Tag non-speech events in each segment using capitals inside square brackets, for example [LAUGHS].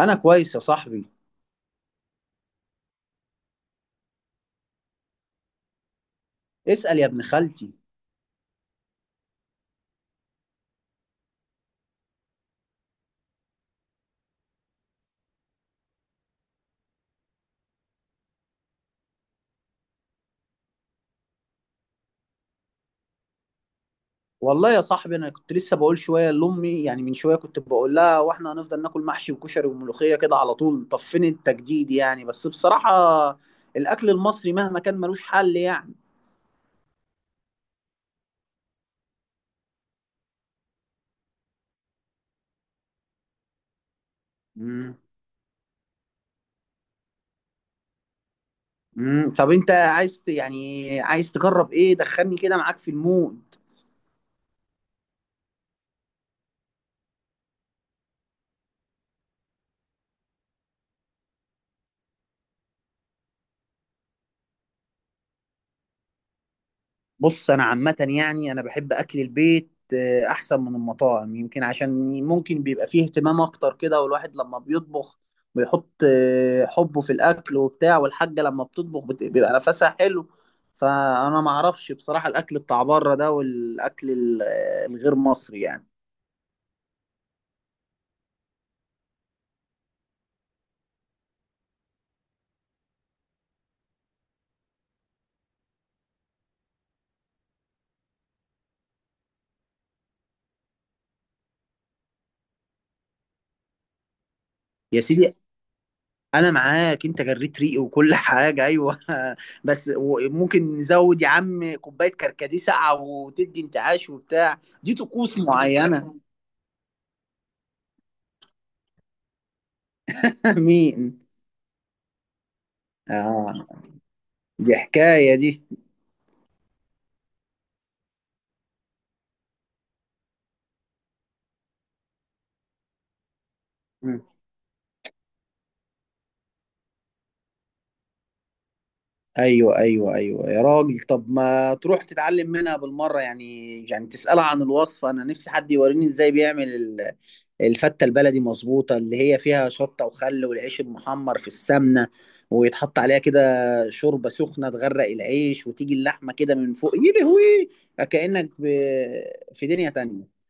انا كويس يا صاحبي. اسال يا ابن خالتي. والله يا صاحبي، انا كنت لسه بقول شويه لامي، يعني من شويه كنت بقول لها، واحنا هنفضل ناكل محشي وكشري وملوخيه كده على طول؟ طب فين التجديد يعني؟ بس بصراحه الاكل المصري مهما كان ملوش حل يعني. امم طب انت عايز يعني عايز تجرب ايه؟ دخلني كده معاك في المود. بص، انا عامه يعني انا بحب اكل البيت احسن من المطاعم، يمكن عشان ممكن بيبقى فيه اهتمام اكتر كده، والواحد لما بيطبخ بيحط حبه في الاكل وبتاع، والحاجه لما بتطبخ بيبقى نفسها حلو. فانا ما اعرفش بصراحه الاكل بتاع بره ده، والاكل الغير مصري يعني. يا سيدي، انا معاك، انت جريت ريقي وكل حاجه، ايوه [LAUGHS] بس ممكن نزود يا عم كوبايه كركديه ساقعه وتدي انتعاش وبتاع؟ دي طقوس معينه. [LAUGHS] مين؟ اه، دي حكاية دي. مم. ايوه ايوه ايوه يا راجل، طب ما تروح تتعلم منها بالمرة يعني؟ يعني تسألها عن الوصفة. انا نفسي حد يوريني ازاي بيعمل الفتة البلدي مظبوطة، اللي هي فيها شطة وخل والعيش المحمر في السمنة، ويتحط عليها كده شوربة سخنة تغرق العيش، وتيجي اللحمة كده من فوق، يلهوي. كأنك في دنيا تانية.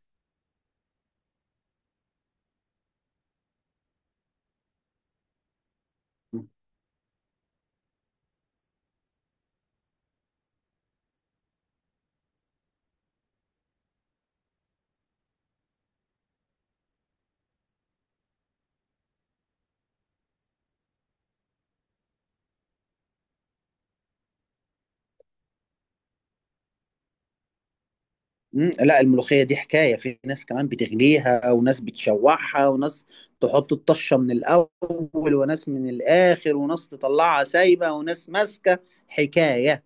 مم، لا الملوخية دي حكاية، في ناس كمان بتغليها وناس بتشوحها وناس تحط الطشة من الأول وناس من الآخر وناس تطلعها سايبة وناس ماسكة. حكاية.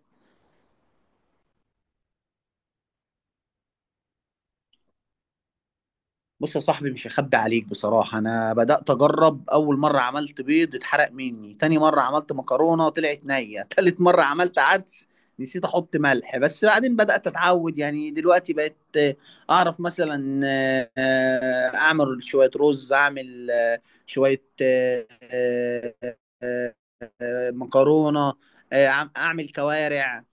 بص يا صاحبي، مش هخبي عليك بصراحة، أنا بدأت أجرب. أول مرة عملت بيض اتحرق مني، تاني مرة عملت مكرونة طلعت نية [LAUGHS] تالت مرة عملت عدس نسيت أحط ملح. بس بعدين بدأت أتعود، يعني دلوقتي بقيت أعرف مثلا أعمل شوية رز، أعمل شوية آه، مكرونة، أعمل كوارع.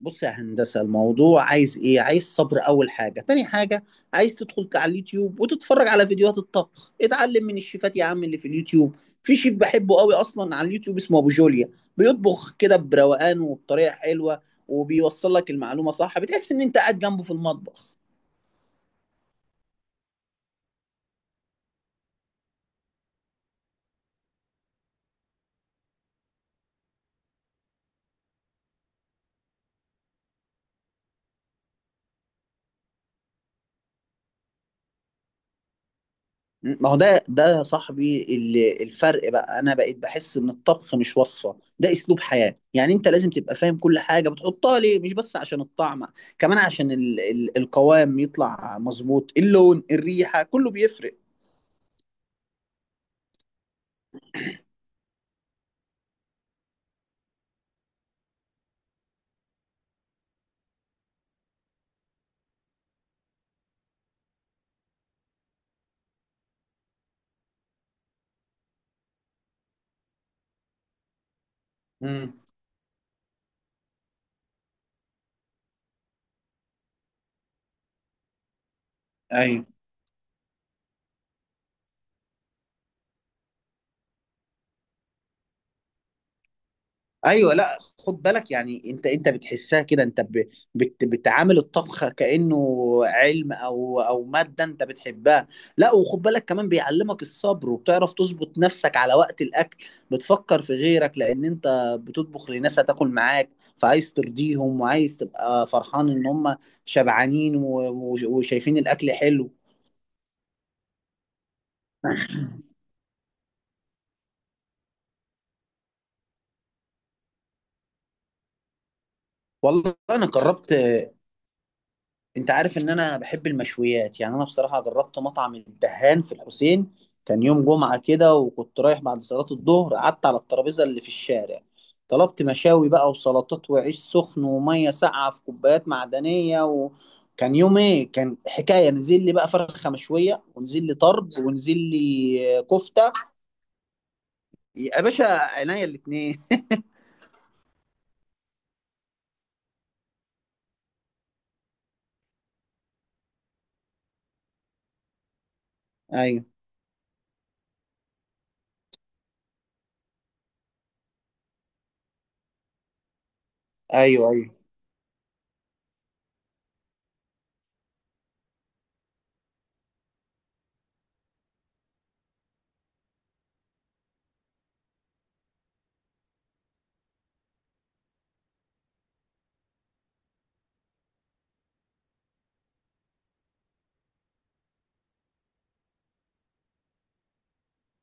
بص يا هندسة، الموضوع عايز ايه؟ عايز صبر اول حاجة. تاني حاجة، عايز تدخل على اليوتيوب وتتفرج على فيديوهات الطبخ، اتعلم من الشيفات يا عم اللي في اليوتيوب. في شيف بحبه قوي اصلا على اليوتيوب اسمه ابو جوليا، بيطبخ كده بروقان وبطريقة حلوة، وبيوصل لك المعلومة صح، بتحس ان انت قاعد جنبه في المطبخ. ما هو ده يا صاحبي الفرق بقى. انا بقيت بحس ان الطبخ مش وصفه، ده اسلوب حياه. يعني انت لازم تبقى فاهم كل حاجه بتحطها ليه، مش بس عشان الطعم، كمان عشان ال القوام يطلع مظبوط، اللون، الريحه، كله بيفرق. امم. ايوه ايوه، لا خد بالك، يعني انت بتحسها كده، انت ب- بت بتعامل الطبخ كانه علم او ماده انت بتحبها. لا وخد بالك كمان بيعلمك الصبر، وبتعرف تظبط نفسك على وقت الاكل، بتفكر في غيرك لان انت بتطبخ لناس هتاكل معاك، فعايز ترضيهم وعايز تبقى فرحان ان هم شبعانين وشايفين الاكل حلو. والله انا جربت. انت عارف ان انا بحب المشويات يعني، انا بصراحه جربت مطعم الدهان في الحسين. كان يوم جمعه كده وكنت رايح بعد صلاه الظهر، قعدت على الترابيزه اللي في الشارع، طلبت مشاوي بقى وسلطات وعيش سخن وميه ساقعه في كوبايات معدنيه، وكان يوم ايه، كان حكايه. نزل لي بقى فرخه مشويه، ونزل لي طرب، ونزل لي كفته. يا باشا عينيا الاتنين. [LAUGHS] ايوه ايوه ايوه.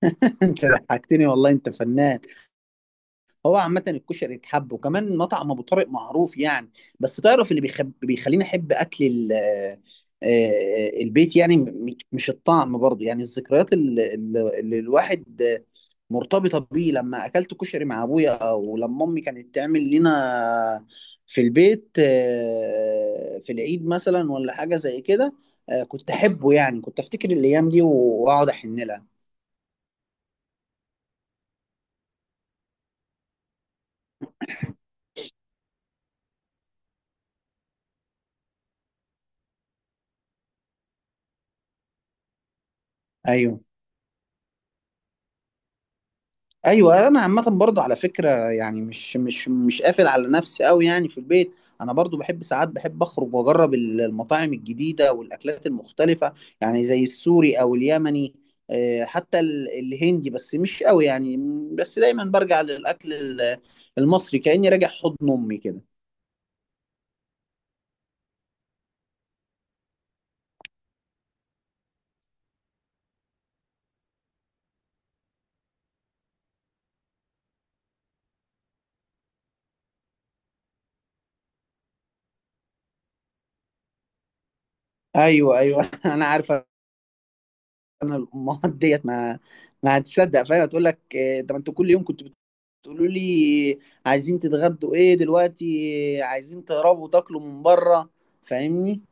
[LAUGHS] انت ضحكتني والله، انت فنان. هو عامة الكشري اتحب، وكمان مطعم أبو طارق معروف يعني. بس تعرف اللي بيخليني أحب أكل ال... آه، آه، البيت يعني، مش الطعم برضه، يعني الذكريات اللي الواحد مرتبطة بيه. لما أكلت كشري مع أبويا، أو لما أمي كانت تعمل لنا في البيت في العيد مثلا ولا حاجة زي كده، كنت أحبه يعني. كنت أفتكر الأيام دي وأقعد أحن لها. أيوه ايوه، انا عامه برضو على فكره يعني، مش قافل على نفسي قوي يعني. في البيت انا برضو بحب، ساعات بحب اخرج واجرب المطاعم الجديده والاكلات المختلفه، يعني زي السوري او اليمني، حتى الهندي، بس مش قوي يعني، بس دايما برجع للاكل المصري، كاني راجع حضن امي كده. ايوه ايوه [LAUGHS] انا عارفه. انا الامهات ديت ما هتصدق فاهم، تقول لك ده ما انت كل يوم كنت تقولوا لي عايزين تتغدوا ايه دلوقتي، عايزين تهربوا تاكلوا من بره، فاهمني.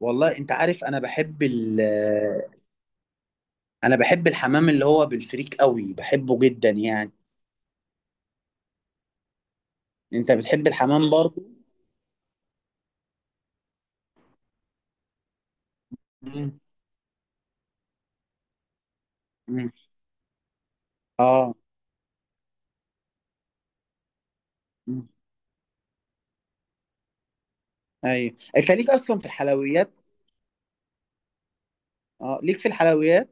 والله انت عارف انا بحب انا بحب الحمام اللي هو بالفريك قوي، بحبه جدا يعني. انت بتحب الحمام برضه؟ مم. مم. اه. مم. ايوه، انت ليك اصلا في الحلويات. اه ليك في الحلويات.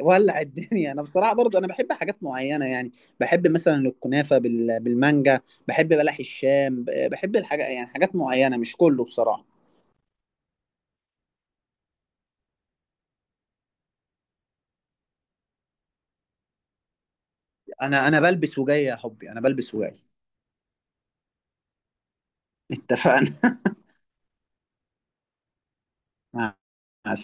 ولع الدنيا. انا بصراحه برضو انا بحب حاجات معينه يعني، بحب مثلا الكنافه بالمانجا، بحب بلح الشام، بحب الحاجه يعني، حاجات معينه مش كله بصراحه. انا بلبس وجاي يا حبي، انا بلبس وجاي. اتفقنا. [LAUGHS] [APPLAUSE] مع مع